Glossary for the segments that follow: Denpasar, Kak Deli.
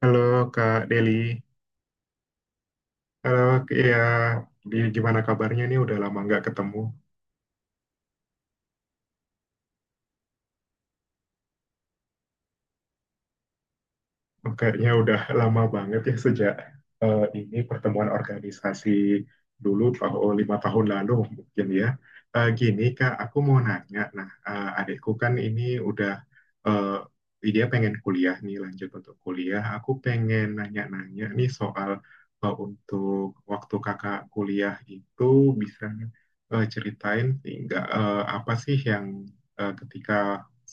Halo Kak Deli, halo ya, gimana kabarnya nih? Udah lama nggak ketemu. Oh, kayaknya udah lama banget ya sejak ini pertemuan organisasi dulu tahun lima tahun lalu mungkin ya. Gini Kak, aku mau nanya. Nah, adikku kan ini udah eh, dia pengen kuliah nih lanjut untuk kuliah. Aku pengen nanya-nanya nih soal untuk waktu kakak kuliah itu bisa ceritain nggak apa sih yang ketika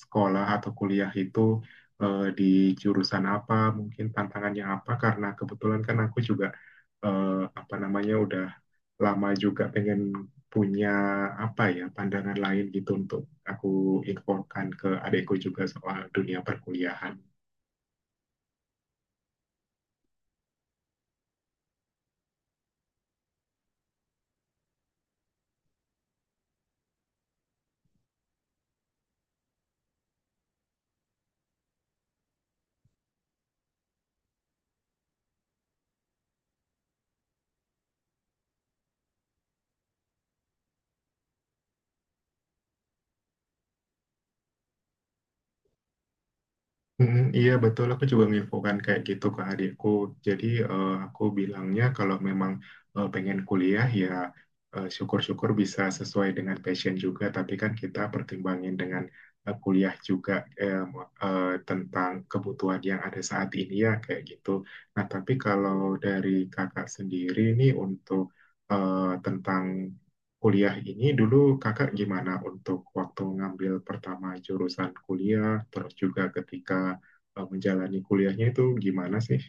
sekolah atau kuliah itu di jurusan apa, mungkin tantangannya apa, karena kebetulan kan aku juga eh, apa namanya udah lama juga pengen punya apa ya pandangan lain gitu untuk aku infokan ke adekku juga soal dunia perkuliahan. Mm, iya betul, aku juga nginfokan kayak gitu ke adikku. Jadi aku bilangnya kalau memang pengen kuliah ya syukur-syukur bisa sesuai dengan passion juga. Tapi kan kita pertimbangin dengan kuliah juga tentang kebutuhan yang ada saat ini ya kayak gitu. Nah tapi kalau dari kakak sendiri nih untuk tentang kuliah ini dulu kakak gimana untuk waktu ngambil pertama jurusan kuliah, terus juga ketika menjalani kuliahnya itu gimana sih?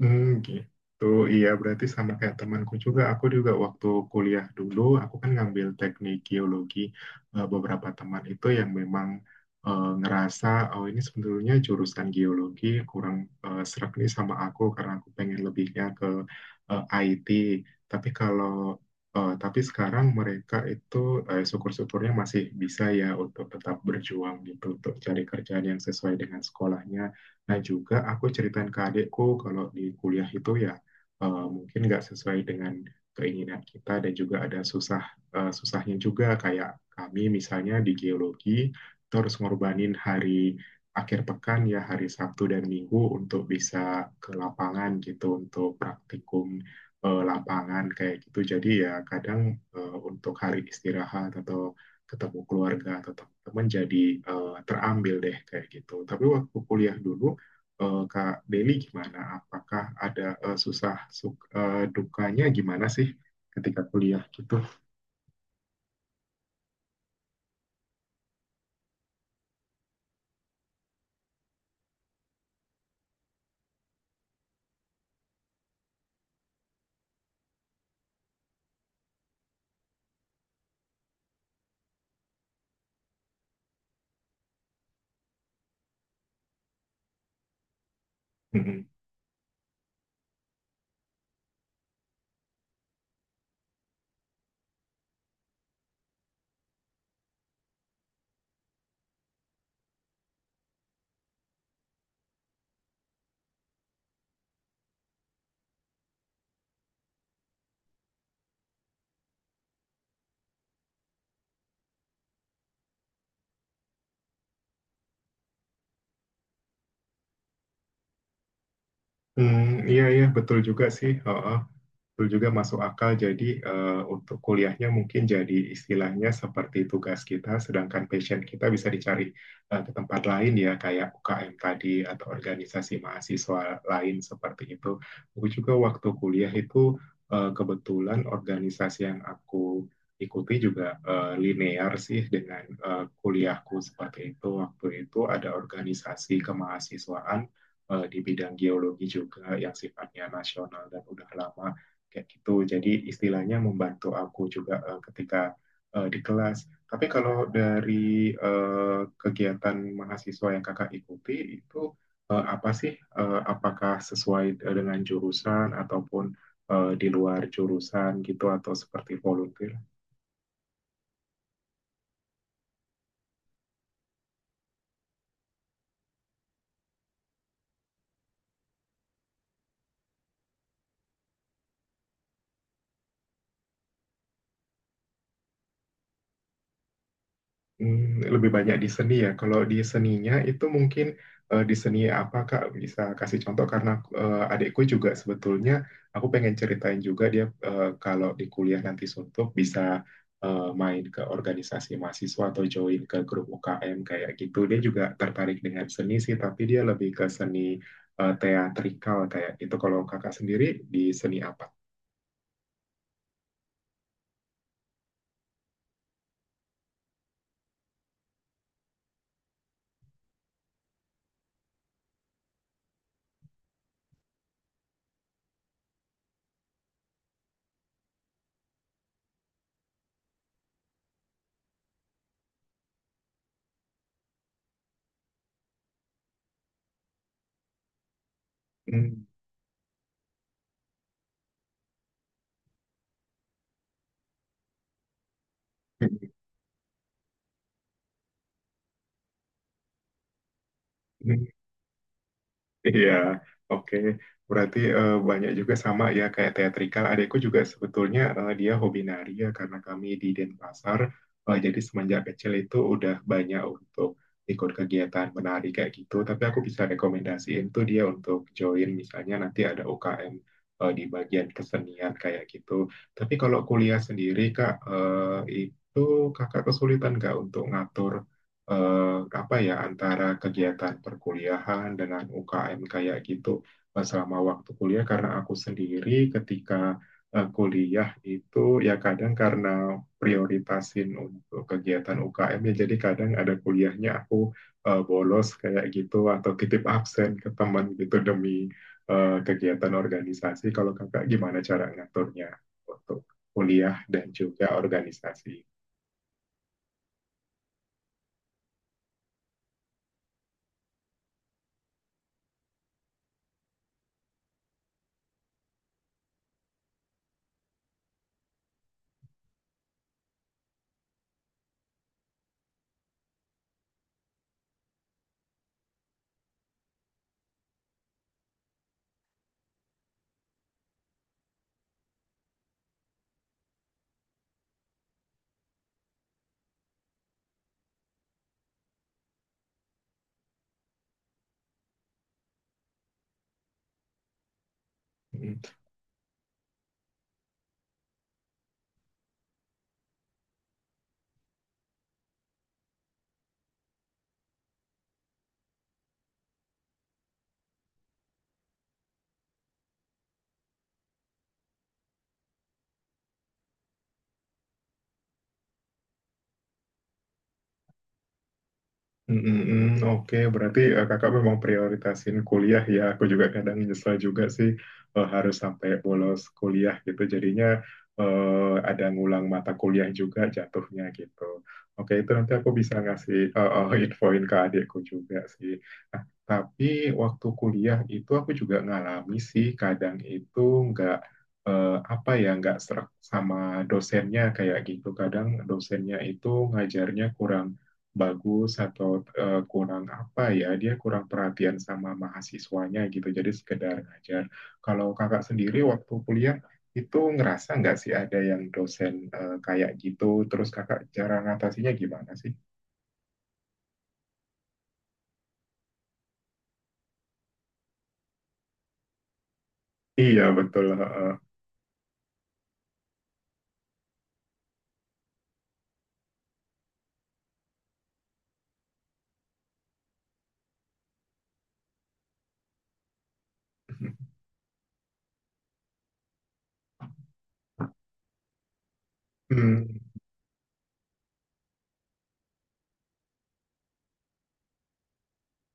Hmm, gitu. Iya, berarti sama kayak temanku juga. Aku juga waktu kuliah dulu, aku kan ngambil teknik geologi. Beberapa teman itu yang memang ngerasa, oh ini sebetulnya jurusan geologi kurang serak nih sama aku karena aku pengen lebihnya ke eh, IT. Tapi kalau tapi sekarang mereka itu syukur-syukurnya masih bisa ya untuk tetap berjuang gitu untuk cari kerjaan yang sesuai dengan sekolahnya. Nah juga aku ceritain ke adikku kalau di kuliah itu ya mungkin nggak sesuai dengan keinginan kita dan juga ada susah susahnya juga kayak kami misalnya di geologi kita harus ngorbanin hari akhir pekan ya hari Sabtu dan Minggu untuk bisa ke lapangan gitu untuk praktikum lapangan kayak gitu. Jadi ya kadang untuk hari istirahat atau ketemu keluarga atau teman-teman jadi terambil deh kayak gitu. Tapi waktu kuliah dulu Kak Deli gimana? Apakah ada dukanya gimana sih ketika kuliah gitu? Hmm. Hmm, iya iya betul juga sih. Heeh. Betul juga masuk akal. Jadi untuk kuliahnya mungkin jadi istilahnya seperti tugas kita, sedangkan passion kita bisa dicari ke tempat lain ya kayak UKM tadi atau organisasi mahasiswa lain seperti itu. Aku juga waktu kuliah itu kebetulan organisasi yang aku ikuti juga linear sih dengan kuliahku seperti itu. Waktu itu ada organisasi kemahasiswaan di bidang geologi juga yang sifatnya nasional dan udah lama kayak gitu. Jadi istilahnya membantu aku juga ketika di kelas. Tapi kalau dari kegiatan mahasiswa yang kakak ikuti itu apa sih? Apakah sesuai dengan jurusan ataupun di luar jurusan gitu atau seperti volunteer? Hmm, lebih banyak di seni ya. Kalau di seninya itu mungkin di seni apa Kak bisa kasih contoh karena adikku juga sebetulnya aku pengen ceritain juga dia kalau di kuliah nanti suntuk bisa main ke organisasi mahasiswa atau join ke grup UKM kayak gitu. Dia juga tertarik dengan seni sih, tapi dia lebih ke seni teatrikal kayak gitu. Kalau Kakak sendiri di seni apa? Hmm. Iya, oke. Berarti banyak juga sama ya kayak teatrikal. Adekku juga sebetulnya dia hobi nari ya karena kami di Denpasar. Jadi semenjak kecil itu udah banyak untuk ikut kegiatan menari kayak gitu. Tapi aku bisa rekomendasiin tuh dia untuk join misalnya nanti ada UKM di bagian kesenian kayak gitu. Tapi kalau kuliah sendiri Kak, itu Kakak kesulitan nggak untuk ngatur eh, apa ya antara kegiatan perkuliahan dengan UKM kayak gitu selama waktu kuliah karena aku sendiri ketika kuliah itu ya kadang karena prioritasin untuk kegiatan UKM ya jadi kadang ada kuliahnya aku bolos kayak gitu atau titip absen ke teman gitu demi kegiatan organisasi. Kalau kakak gimana cara ngaturnya untuk kuliah dan juga organisasi? Mm, mm, mm. Oke, berarti kakak memang prioritasin kuliah ya. Aku juga kadang nyesel juga sih harus sampai bolos kuliah gitu. Jadinya ada ngulang mata kuliah juga jatuhnya gitu. Oke, itu nanti aku bisa ngasih infoin ke adikku juga sih. Nah, tapi waktu kuliah itu aku juga ngalami sih kadang itu nggak apa ya nggak serak sama dosennya kayak gitu. Kadang dosennya itu ngajarnya kurang bagus atau kurang apa ya dia kurang perhatian sama mahasiswanya gitu jadi sekedar ngajar kalau kakak sendiri waktu kuliah itu ngerasa nggak sih ada yang dosen kayak gitu terus kakak cara ngatasinya gimana sih iya betul heeh. Hmm.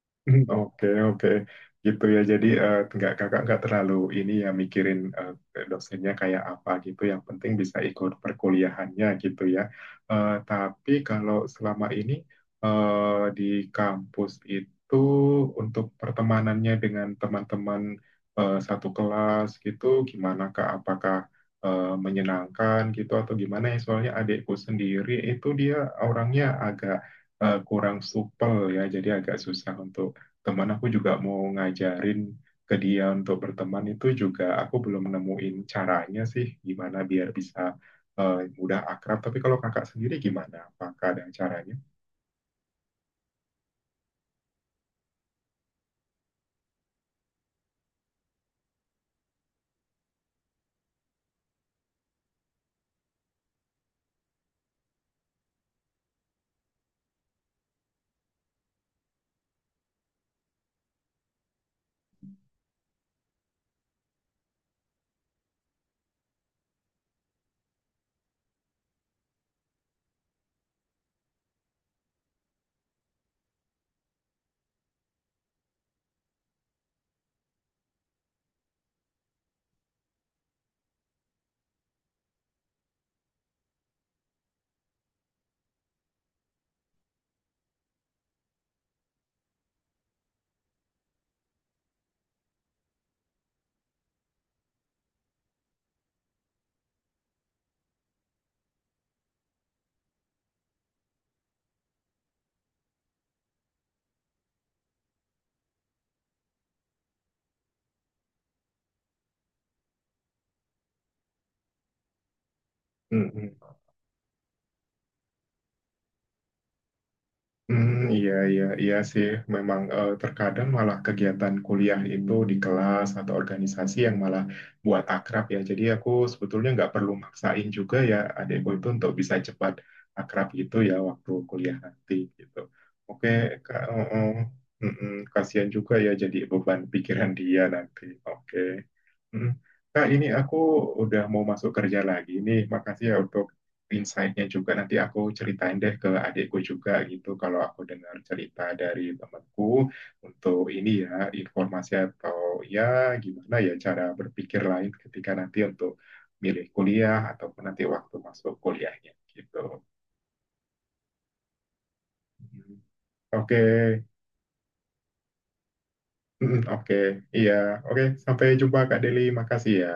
Hmm, oke, oke. Gitu ya. Jadi nggak kakak nggak terlalu ini ya mikirin dosennya kayak apa gitu. Yang penting bisa ikut perkuliahannya gitu ya. Tapi kalau selama ini di kampus itu untuk pertemanannya dengan teman-teman satu kelas gitu, gimana Kak? Apakah menyenangkan gitu atau gimana ya? Soalnya adikku sendiri itu dia orangnya agak kurang supel ya, jadi agak susah untuk teman aku juga mau ngajarin ke dia untuk berteman itu juga aku belum nemuin caranya sih gimana biar bisa eh, mudah akrab. Tapi kalau kakak sendiri gimana? Apakah ada caranya? Hmm. Hmm, iya, iya, iya sih. Memang terkadang malah kegiatan kuliah itu di kelas atau organisasi yang malah buat akrab ya. Jadi aku sebetulnya nggak perlu maksain juga ya adekku itu untuk bisa cepat akrab gitu ya waktu kuliah nanti gitu. Oke, Kak, oh, oh. Mm-mm, kasihan juga ya jadi beban pikiran dia nanti. Oke. Hmm. Kak, ini aku udah mau masuk kerja lagi. Ini makasih ya untuk insight-nya juga. Nanti aku ceritain deh ke adikku juga gitu. Kalau aku dengar cerita dari temanku untuk ini ya, informasi atau ya gimana ya cara berpikir lain ketika nanti untuk milih kuliah ataupun nanti waktu masuk kuliahnya gitu. Hmm. Oke, hmm, oke, iya, oke. Sampai jumpa Kak Deli. Makasih ya.